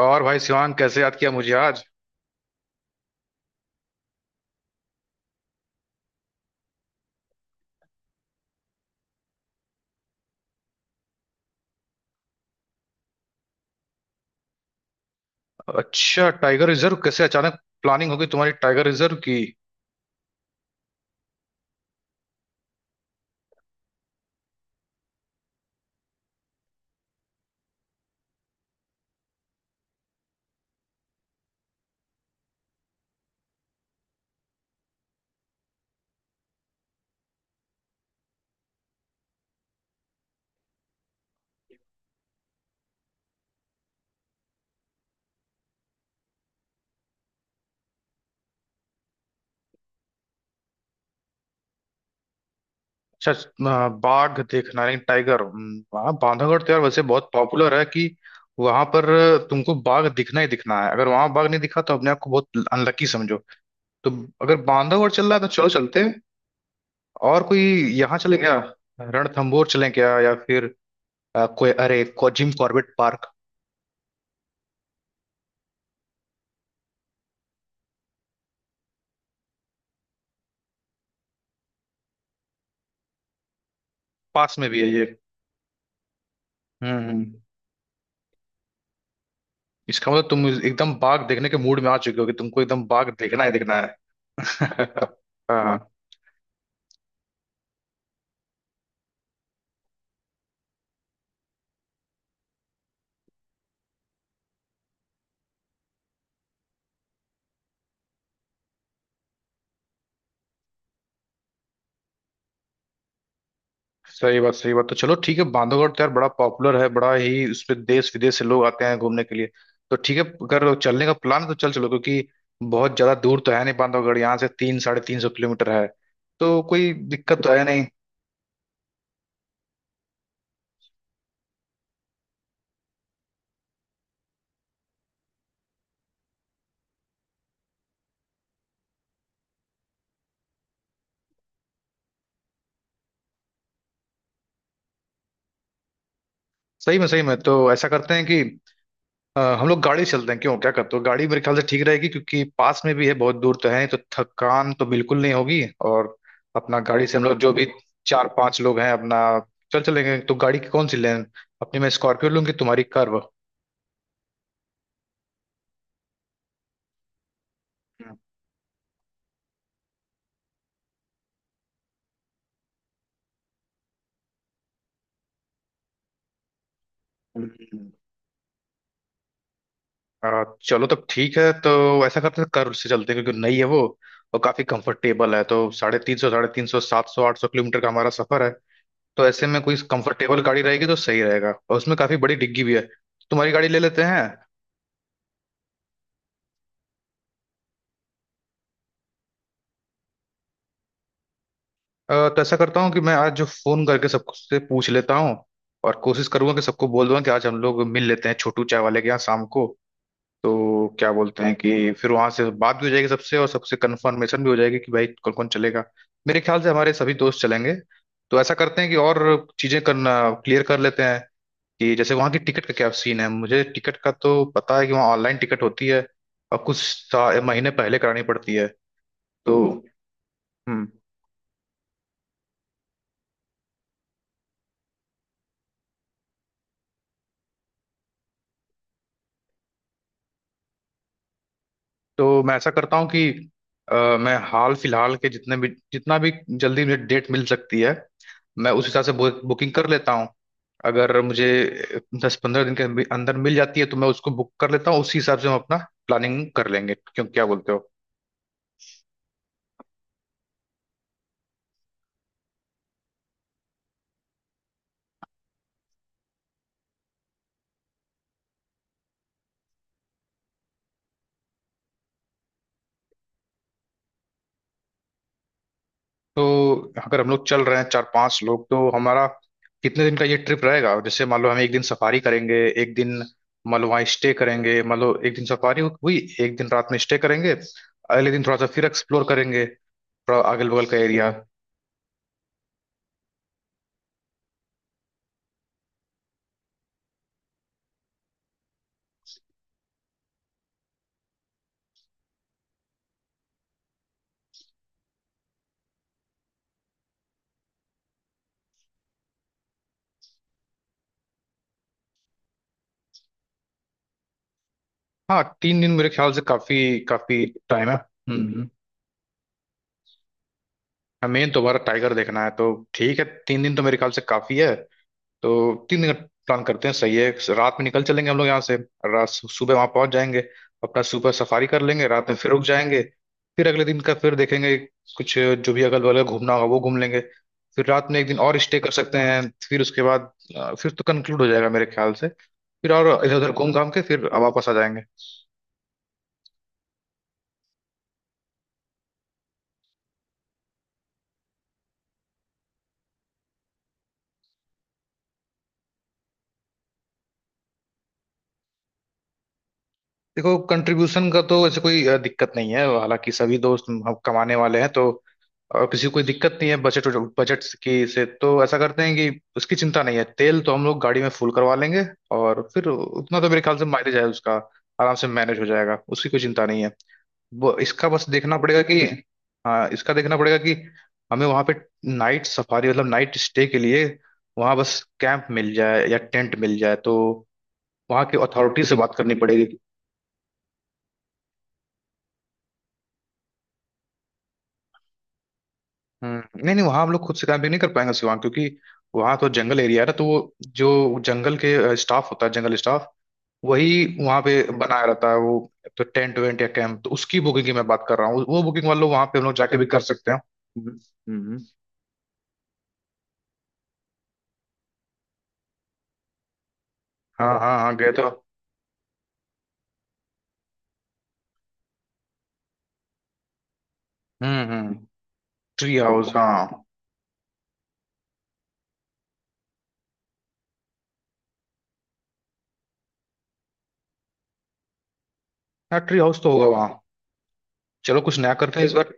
और भाई शिवांग, कैसे याद किया मुझे आज? अच्छा, टाइगर रिजर्व? कैसे अचानक प्लानिंग होगी तुम्हारी टाइगर रिजर्व की? अच्छा, बाघ देखना, नहीं टाइगर। वहाँ बांधवगढ़ तो यार वैसे बहुत पॉपुलर है कि वहां पर तुमको बाघ दिखना ही दिखना है। अगर वहां बाघ नहीं दिखा तो अपने आप को बहुत अनलकी समझो। तो अगर बांधवगढ़ चल रहा है तो चलो, चलते हैं। और कोई यहाँ चले क्या? रणथंबोर चले क्या? या फिर कोई, अरे, जिम कॉर्बेट पार्क? पास में भी है ये। हम्म हम्म। इसका मतलब तुम एकदम बाघ देखने के मूड में आ चुके हो कि तुमको एकदम बाघ देखना ही देखना है। हाँ। सही बात, सही बात। तो चलो ठीक है, बांधवगढ़ तो यार बड़ा पॉपुलर है, बड़ा ही उस पे देश विदेश से लोग आते हैं घूमने के लिए। तो ठीक है, अगर चलने का प्लान है तो चल चलो, क्योंकि बहुत ज्यादा दूर तो है नहीं बांधवगढ़, यहाँ से तीन 350 किलोमीटर है। तो कोई दिक्कत तो है नहीं। सही में, सही में। तो ऐसा करते हैं कि हम लोग गाड़ी चलते हैं, क्यों? क्या करते हो, गाड़ी मेरे ख्याल से ठीक रहेगी, क्योंकि पास में भी है, बहुत दूर तो है नहीं, तो थकान तो बिल्कुल नहीं होगी। और अपना गाड़ी से हम लोग जो भी चार पांच लोग हैं अपना, चल चलेंगे तो गाड़ी की कौन सी लें? अपनी मैं स्कॉर्पियो लूँ कि तुम्हारी कर्व? हम्म। चलो तब ठीक है। तो ऐसा करते हैं, कर्व से चलते हैं क्योंकि नई है वो और काफी कंफर्टेबल है। तो 350 350 700 800 किलोमीटर का हमारा सफर है। तो ऐसे में कोई कंफर्टेबल गाड़ी रहेगी तो सही रहेगा, और उसमें काफी बड़ी डिग्गी भी है। तुम्हारी गाड़ी ले लेते हैं। तो ऐसा करता हूँ कि मैं आज जो फोन करके सबसे पूछ लेता हूँ, और कोशिश करूंगा कि सबको बोल दूंगा कि आज हम लोग मिल लेते हैं छोटू चाय वाले के यहाँ शाम को। तो क्या बोलते हैं कि फिर वहां से बात भी हो जाएगी सबसे, और सबसे कंफर्मेशन भी हो जाएगी कि भाई कौन कौन चलेगा। मेरे ख्याल से हमारे सभी दोस्त चलेंगे। तो ऐसा करते हैं कि और चीजें करना क्लियर कर लेते हैं, कि जैसे वहाँ की टिकट का क्या सीन है। मुझे टिकट का तो पता है कि वहाँ ऑनलाइन टिकट होती है, और कुछ महीने पहले करानी पड़ती है। तो हम्म। तो मैं ऐसा करता हूँ कि अ, मैं हाल फिलहाल के जितने भी, जितना भी जल्दी मुझे डेट मिल सकती है, मैं उस हिसाब से बुकिंग कर लेता हूँ। अगर मुझे 10-15 दिन के अंदर अंदर मिल जाती है तो मैं उसको बुक कर लेता हूँ, उसी हिसाब से हम अपना प्लानिंग कर लेंगे। क्यों, क्या बोलते हो? तो अगर हम लोग चल रहे हैं चार पांच लोग, तो हमारा कितने दिन का ये ट्रिप रहेगा? जैसे मान लो हम एक दिन सफारी करेंगे, एक दिन मान लो वहाँ स्टे करेंगे। मान लो एक दिन सफारी हुई, एक दिन रात में स्टे करेंगे, अगले दिन थोड़ा सा फिर एक्सप्लोर करेंगे थोड़ा अगल बगल का एरिया। हाँ, 3 दिन मेरे ख्याल से काफी, काफी टाइम है। हम्म। हमें दोबारा टाइगर देखना है, तो ठीक है, 3 दिन तो मेरे ख्याल से काफी है। तो 3 दिन का प्लान करते हैं, सही है। रात में निकल चलेंगे हम लोग यहाँ से, रात, सुबह वहां पहुंच जाएंगे। अपना सुबह सफारी कर लेंगे, रात में फिर रुक जाएंगे। फिर अगले दिन का फिर देखेंगे, कुछ जो भी अगल बगल घूमना होगा वो घूम लेंगे। फिर रात में एक दिन और स्टे कर सकते हैं। फिर उसके बाद फिर तो कंक्लूड हो जाएगा मेरे ख्याल से, फिर और इधर उधर घूम घाम के फिर वापस आ जाएंगे। देखो, कंट्रीब्यूशन का तो ऐसे कोई दिक्कत नहीं है। हालांकि सभी दोस्त हम कमाने वाले हैं, तो किसी को कोई दिक्कत नहीं है, बजट। बजट की से तो ऐसा करते हैं कि उसकी चिंता नहीं है। तेल तो हम लोग गाड़ी में फुल करवा लेंगे, और फिर उतना तो मेरे ख्याल से माइलेज है उसका, आराम से मैनेज हो जाएगा, उसकी कोई चिंता नहीं है। वो इसका बस देखना पड़ेगा कि, हाँ, इसका देखना पड़ेगा कि हमें वहाँ पे नाइट सफारी, मतलब नाइट स्टे के लिए, वहाँ बस कैंप मिल जाए या टेंट मिल जाए, तो वहाँ की अथॉरिटी से बात करनी पड़ेगी। नहीं नहीं, वहां हम लोग खुद से कैंपिंग नहीं कर पाएंगे शिवांग, क्योंकि वहां तो जंगल एरिया है ना, तो वो जो जंगल के स्टाफ होता है, जंगल स्टाफ वही वहां पे बनाया रहता है वो। तो टेंट वेंट या कैंप तो उसकी बुकिंग की मैं बात कर रहा हूँ, वो बुकिंग वाले लोग वहां पे हम लोग जाके अच्छा भी अच्छा कर अच्छा सकते हैं। हम्म। हाँ हाँ हाँ, गए तो। हम्म। ट्री हाउस, हाँ। हाँ, ट्री हाउस तो होगा वहाँ। चलो, कुछ नया करते हैं इस बार।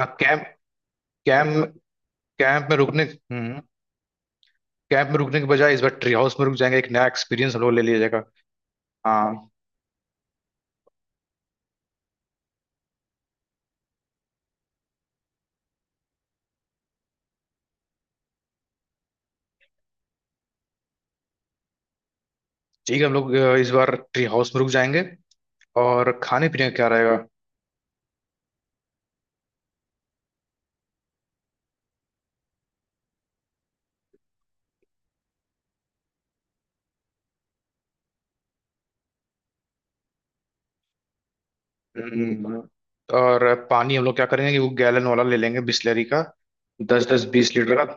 हाँ, कैंप, कैंप, कैंप में रुकने, हम्म, कैंप में रुकने के बजाय इस बार ट्री हाउस में रुक जाएंगे, एक नया एक्सपीरियंस हम लोग ले लिया जाएगा। हाँ, ठीक है, हम लोग इस बार ट्री हाउस में रुक जाएंगे। और खाने पीने का क्या रहेगा? हम्म। और पानी हम लोग क्या करेंगे कि वो गैलन वाला ले लेंगे बिस्लरी का, 10 10 20 लीटर का।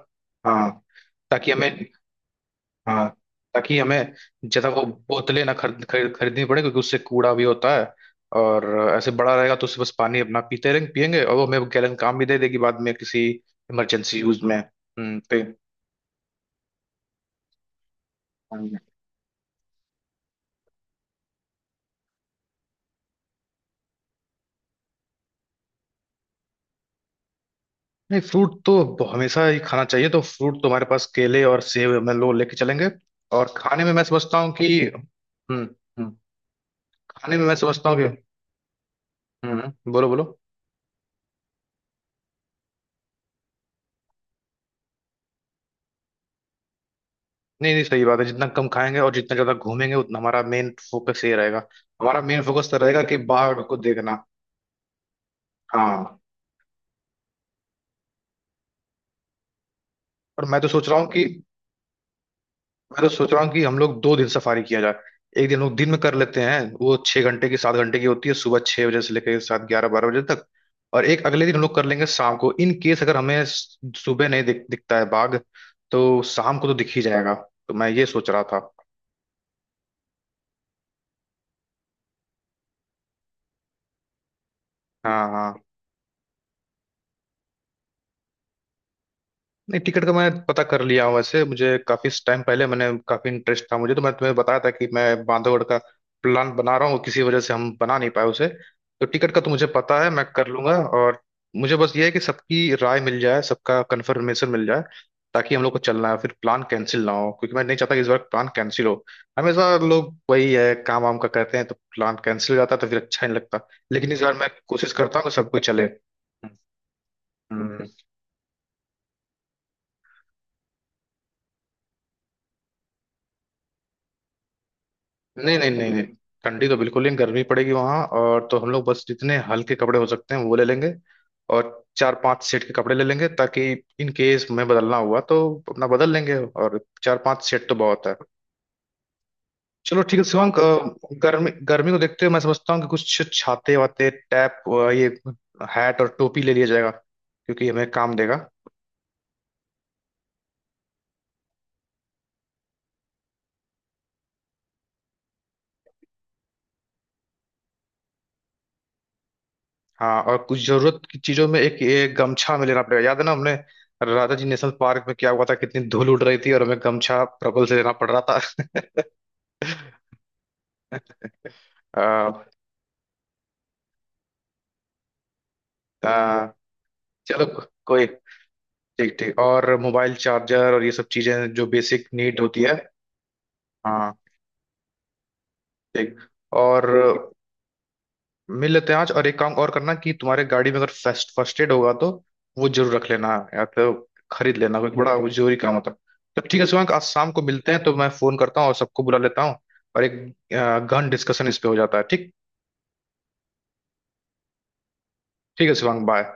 हाँ, ताकि हमें, हाँ ताकि हमें ज़्यादा वो बोतलें ना खरीद खरीद- खरीदनी पड़े, क्योंकि उससे कूड़ा भी होता है। और ऐसे बड़ा रहेगा तो उससे बस पानी अपना पीते रहेंगे, पियेंगे, और वो हमें गैलन काम भी दे देगी बाद में किसी इमरजेंसी यूज में। हम्म। पे, नहीं, फ्रूट तो हमेशा ही खाना चाहिए, तो फ्रूट तो हमारे पास केले और सेब हम लोग लेके चलेंगे। और खाने में मैं समझता हूँ कि हम्म। हम्म, खाने में मैं समझता हूँ कि, बोलो बोलो। नहीं नहीं, सही बात है, जितना कम खाएंगे और जितना ज्यादा घूमेंगे, उतना हमारा मेन फोकस ये रहेगा। हमारा मेन फोकस तो रहेगा कि बाघ को देखना। हाँ। और मैं तो सोच रहा हूँ कि, मैं तो सोच रहा हूँ कि हम लोग 2 दिन सफारी किया जाए। एक दिन लोग दिन में कर लेते हैं, वो 6 घंटे की 7 घंटे की होती है, सुबह 6 बजे से लेकर सात, 11, 12 बजे तक। और एक अगले दिन हम लोग कर लेंगे शाम को, इन केस अगर हमें सुबह नहीं दिखता है बाघ, तो शाम को तो दिख ही जाएगा। तो मैं ये सोच रहा था। हाँ हाँ। नहीं, टिकट का मैं पता कर लिया हूँ वैसे, मुझे काफी टाइम पहले मैंने काफी इंटरेस्ट था मुझे, तो मैं तुम्हें बताया था कि मैं बांधवगढ़ का प्लान बना रहा हूँ, किसी वजह से हम बना नहीं पाए उसे। तो टिकट का तो मुझे पता है, मैं कर लूंगा। और मुझे बस ये है कि सबकी राय मिल जाए, सबका कंफर्मेशन मिल जाए, ताकि हम लोग को चलना है फिर प्लान कैंसिल ना हो, क्योंकि मैं नहीं चाहता कि इस बार प्लान कैंसिल हो। हमेशा लोग वही है, काम वाम का करते हैं तो प्लान कैंसिल हो जाता है, तो फिर अच्छा नहीं लगता। लेकिन इस बार मैं कोशिश करता हूँ कि सब कोई चले। हम्म। नहीं नहीं नहीं नहीं, ठंडी तो बिल्कुल नहीं, गर्मी पड़ेगी वहां। और तो हम लोग बस जितने हल्के कपड़े हो सकते हैं वो ले लेंगे, और चार पांच सेट के कपड़े ले लेंगे ताकि इन केस में बदलना हुआ तो अपना बदल लेंगे। और चार पांच सेट तो बहुत है। चलो ठीक है शिवांक, गर्मी गर्मी को देखते हुए मैं समझता हूँ कि कुछ छाते वाते टैप, ये हैट और टोपी ले लिया जाएगा क्योंकि हमें काम देगा। हाँ, और कुछ जरूरत की चीजों में एक, एक गमछा में लेना पड़ेगा, याद है ना हमने राजा जी नेशनल पार्क में क्या हुआ था, कितनी धूल उड़ रही थी और हमें गमछा प्रबल से लेना पड़ रहा था। आ, आ, चलो कोई। ठीक ठीक। और मोबाइल चार्जर और ये सब चीजें जो बेसिक नीड होती है। हाँ ठीक। और मिल लेते हैं आज, और एक काम और करना कि तुम्हारे गाड़ी में अगर फर्स्ट फर्स्ट एड होगा तो वो जरूर रख लेना, या तो खरीद लेना, क्योंकि बड़ा वो जरूरी काम होता है। तो ठीक है शिवांग, आज शाम को मिलते हैं, तो मैं फोन करता हूँ और सबको बुला लेता हूँ। और एक गहन डिस्कशन इस पे हो जाता है, ठीक। ठीक है शिवांग, बाय।